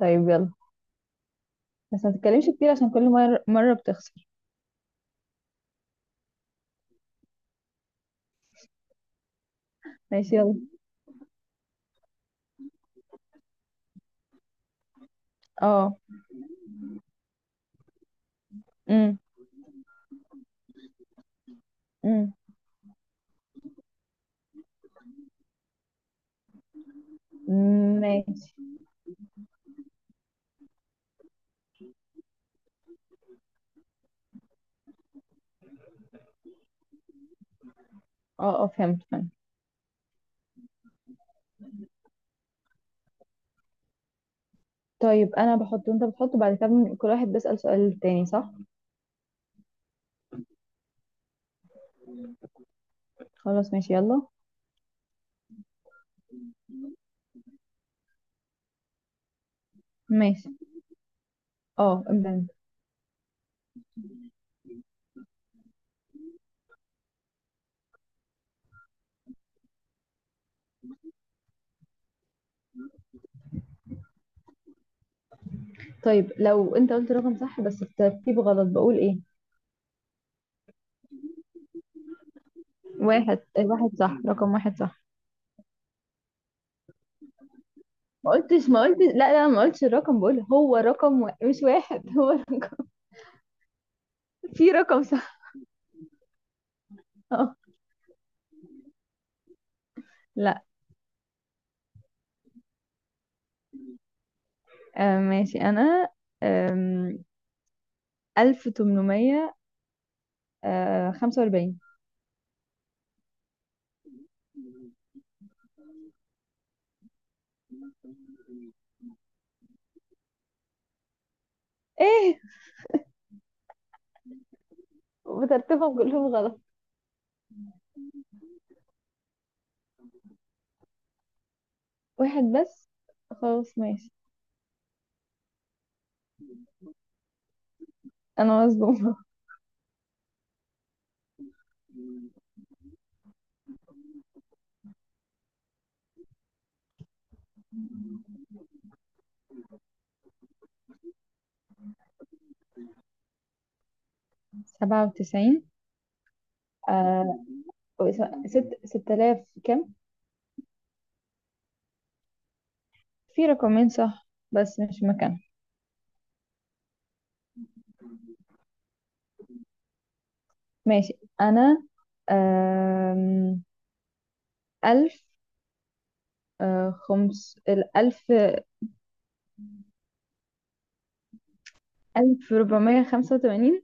طيب يلا. بس ما تتكلمش كتير عشان كل مرة بتخسر. ماشي يلا. اه. امم. امم. ماشي. اه، اه، فهمت فهمت. طيب، انا بحط وانت بتحط، وبعد كده كل واحد بيسأل سؤال تاني، صح؟ خلاص ماشي يلا. ماشي. اه، ابدأ انت. طيب، لو انت قلت رقم صح بس الترتيب غلط، بقول ايه؟ واحد. واحد صح، رقم واحد صح. ما قلتش، لا، لا، ما قلتش الرقم، بقول هو رقم مش واحد. هو رقم. في رقم صح. اه. لا. آه، ماشي انا. 1845. ايه؟ بترتيبهم كلهم غلط؟ واحد بس؟ خلاص ماشي. انا مصدومة. 97. آه! ست 6000 كم؟ في رقمين صح بس مش مكان. ماشي. انا آم، ألف، خمس الألف، 1485.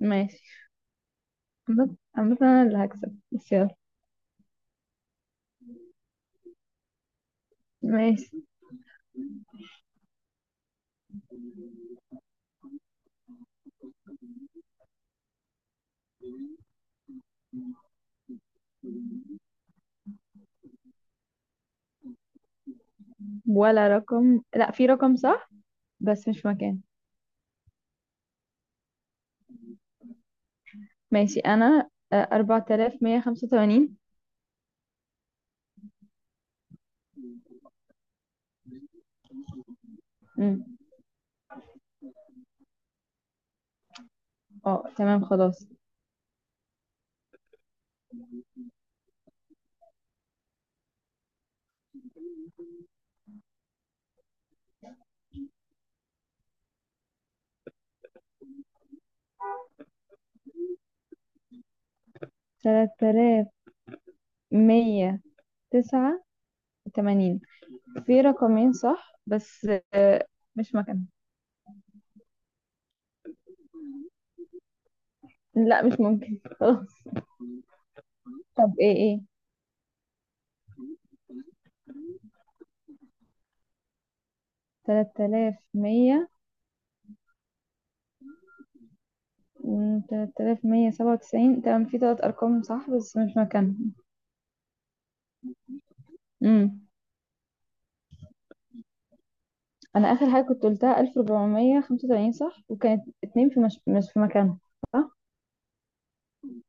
ماشي. عامة عامة، أنا اللي هكسب بس يلا. ماشي. ولا رقم. لا، في رقم صح بس مش مكان. ماشي. انا 4185. امم. اه، تمام، خلاص. 3189؟ في رقمين صح بس آه، مش مكان. لا، مش ممكن. خلاص. طب ايه؟ ايه؟ تلاتة آلاف مية. 3197، تمام. في تلات أرقام صح بس مش مكان. امم. أنا آخر حاجة كنت قلتها، 1485، صح، وكانت اتنين في مش في مكان، صح؟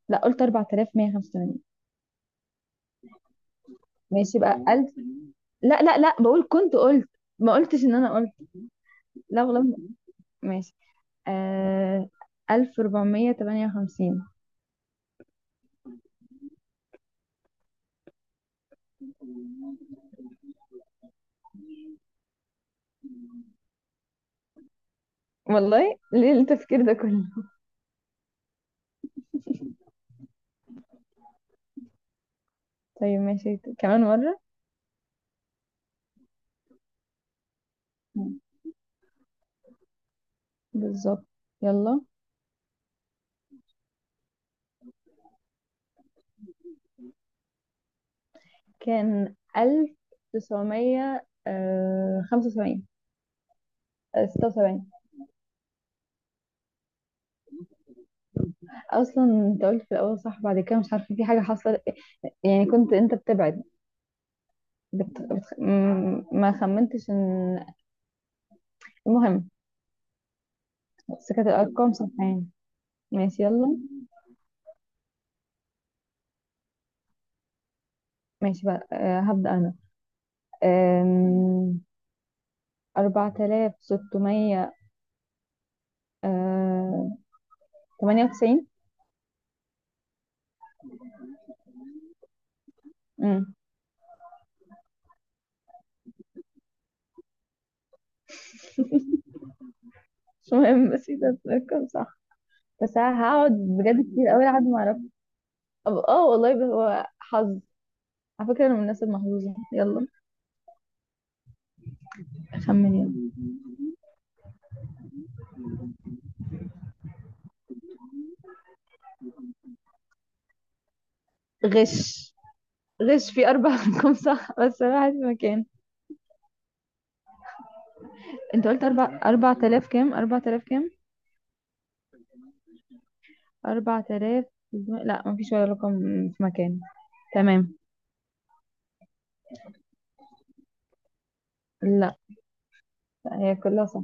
لا، قلت 4185. ماشي بقى. لا، لا، لا، بقول كنت قلت، ما قلتش ان انا قلت. لا والله. ماشي. آه 1458. والله ليه التفكير ده كله؟ طيب ماشي، كمان مرة. بالظبط، يلا. كان 1975، آه، 76. اصلا انت قلت في الاول صح، بعد كده مش عارفه في حاجه حصلت، يعني كنت انت بتبعد. ما خمنتش ان. المهم، بس كانت الارقام صح يعني. ماشي يلا. ماشي بقى، هبدأ أنا. آم، أربعة آلاف ستمية آه، تمانية وتسعين. أمم. مش مهم. بس ده الرقم صح. بس أنا هقعد بجد كتير أوي لحد ما أعرف. اه، والله بس هو حظ. على فكرة، أنا من الناس المحظوظة. يلا. خمن يلا. غش! غش في أربع أرقام صح، بس أنا واحد في مكان. أنت قلت أربع آلاف كام؟ أربع آلاف كام؟ أربع آلاف. لا، مفيش ولا رقم في مكان. تمام. لا، هي كلها صح.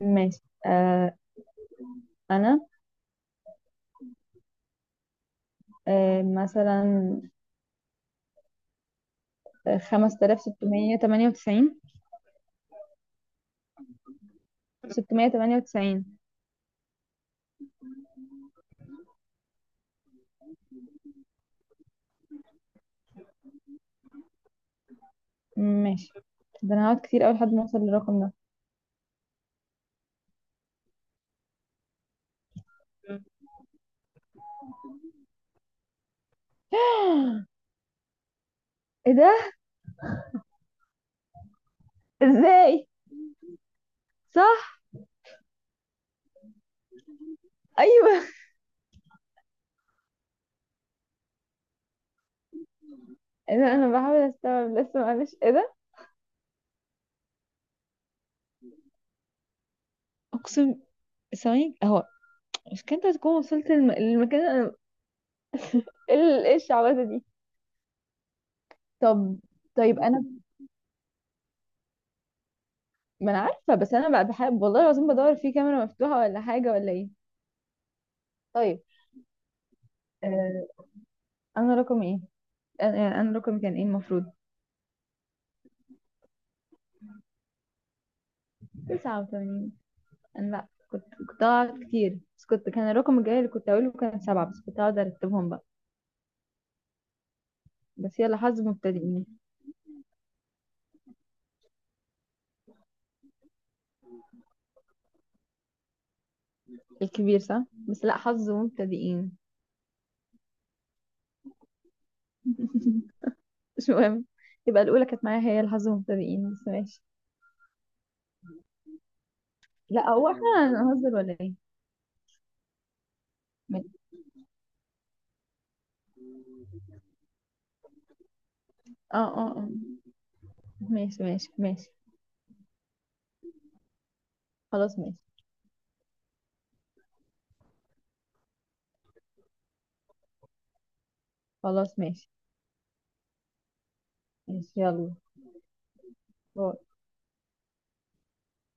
ماشي. انا مثلا 5698. 698. ماشي. ده انا هقعد كتير اوي لحد ما اوصل للرقم ده. ايه ده؟ ازاي؟ صح؟ ايوه. ايه ده؟ انا بحاول استوعب لسه، معلش. ايه ده؟ اقسم. ثواني اهو. مش كنت هتكون وصلت للمكان اللي انا؟ ايه الشعبده دي؟ طب طيب انا. ما انا عارفه، بس انا بقى بحب والله العظيم بدور في كاميرا مفتوحه ولا حاجه ولا ايه؟ طيب. آه... انا رقم ايه؟ انا، يعني أنا رقمي كان ايه المفروض؟ 89. انا. لا، كنت اقعد كتير بس كنت، كان الرقم الجاي اللي كنت اقوله كان سبعة، بس كنت اقعد ارتبهم بقى. بس يلا، حظ مبتدئين. الكبير صح، بس لا، حظ مبتدئين. مش مهم. يبقى الاولى كانت معايا، هي الحظ مبتدئين، بس ماشي. لا، هو احنا هنهزر ولا ايه؟ م- اه، اه، اه. ماشي، ماشي، ماشي. خلاص ماشي. خلاص ماشي. ماشي يلا. باي.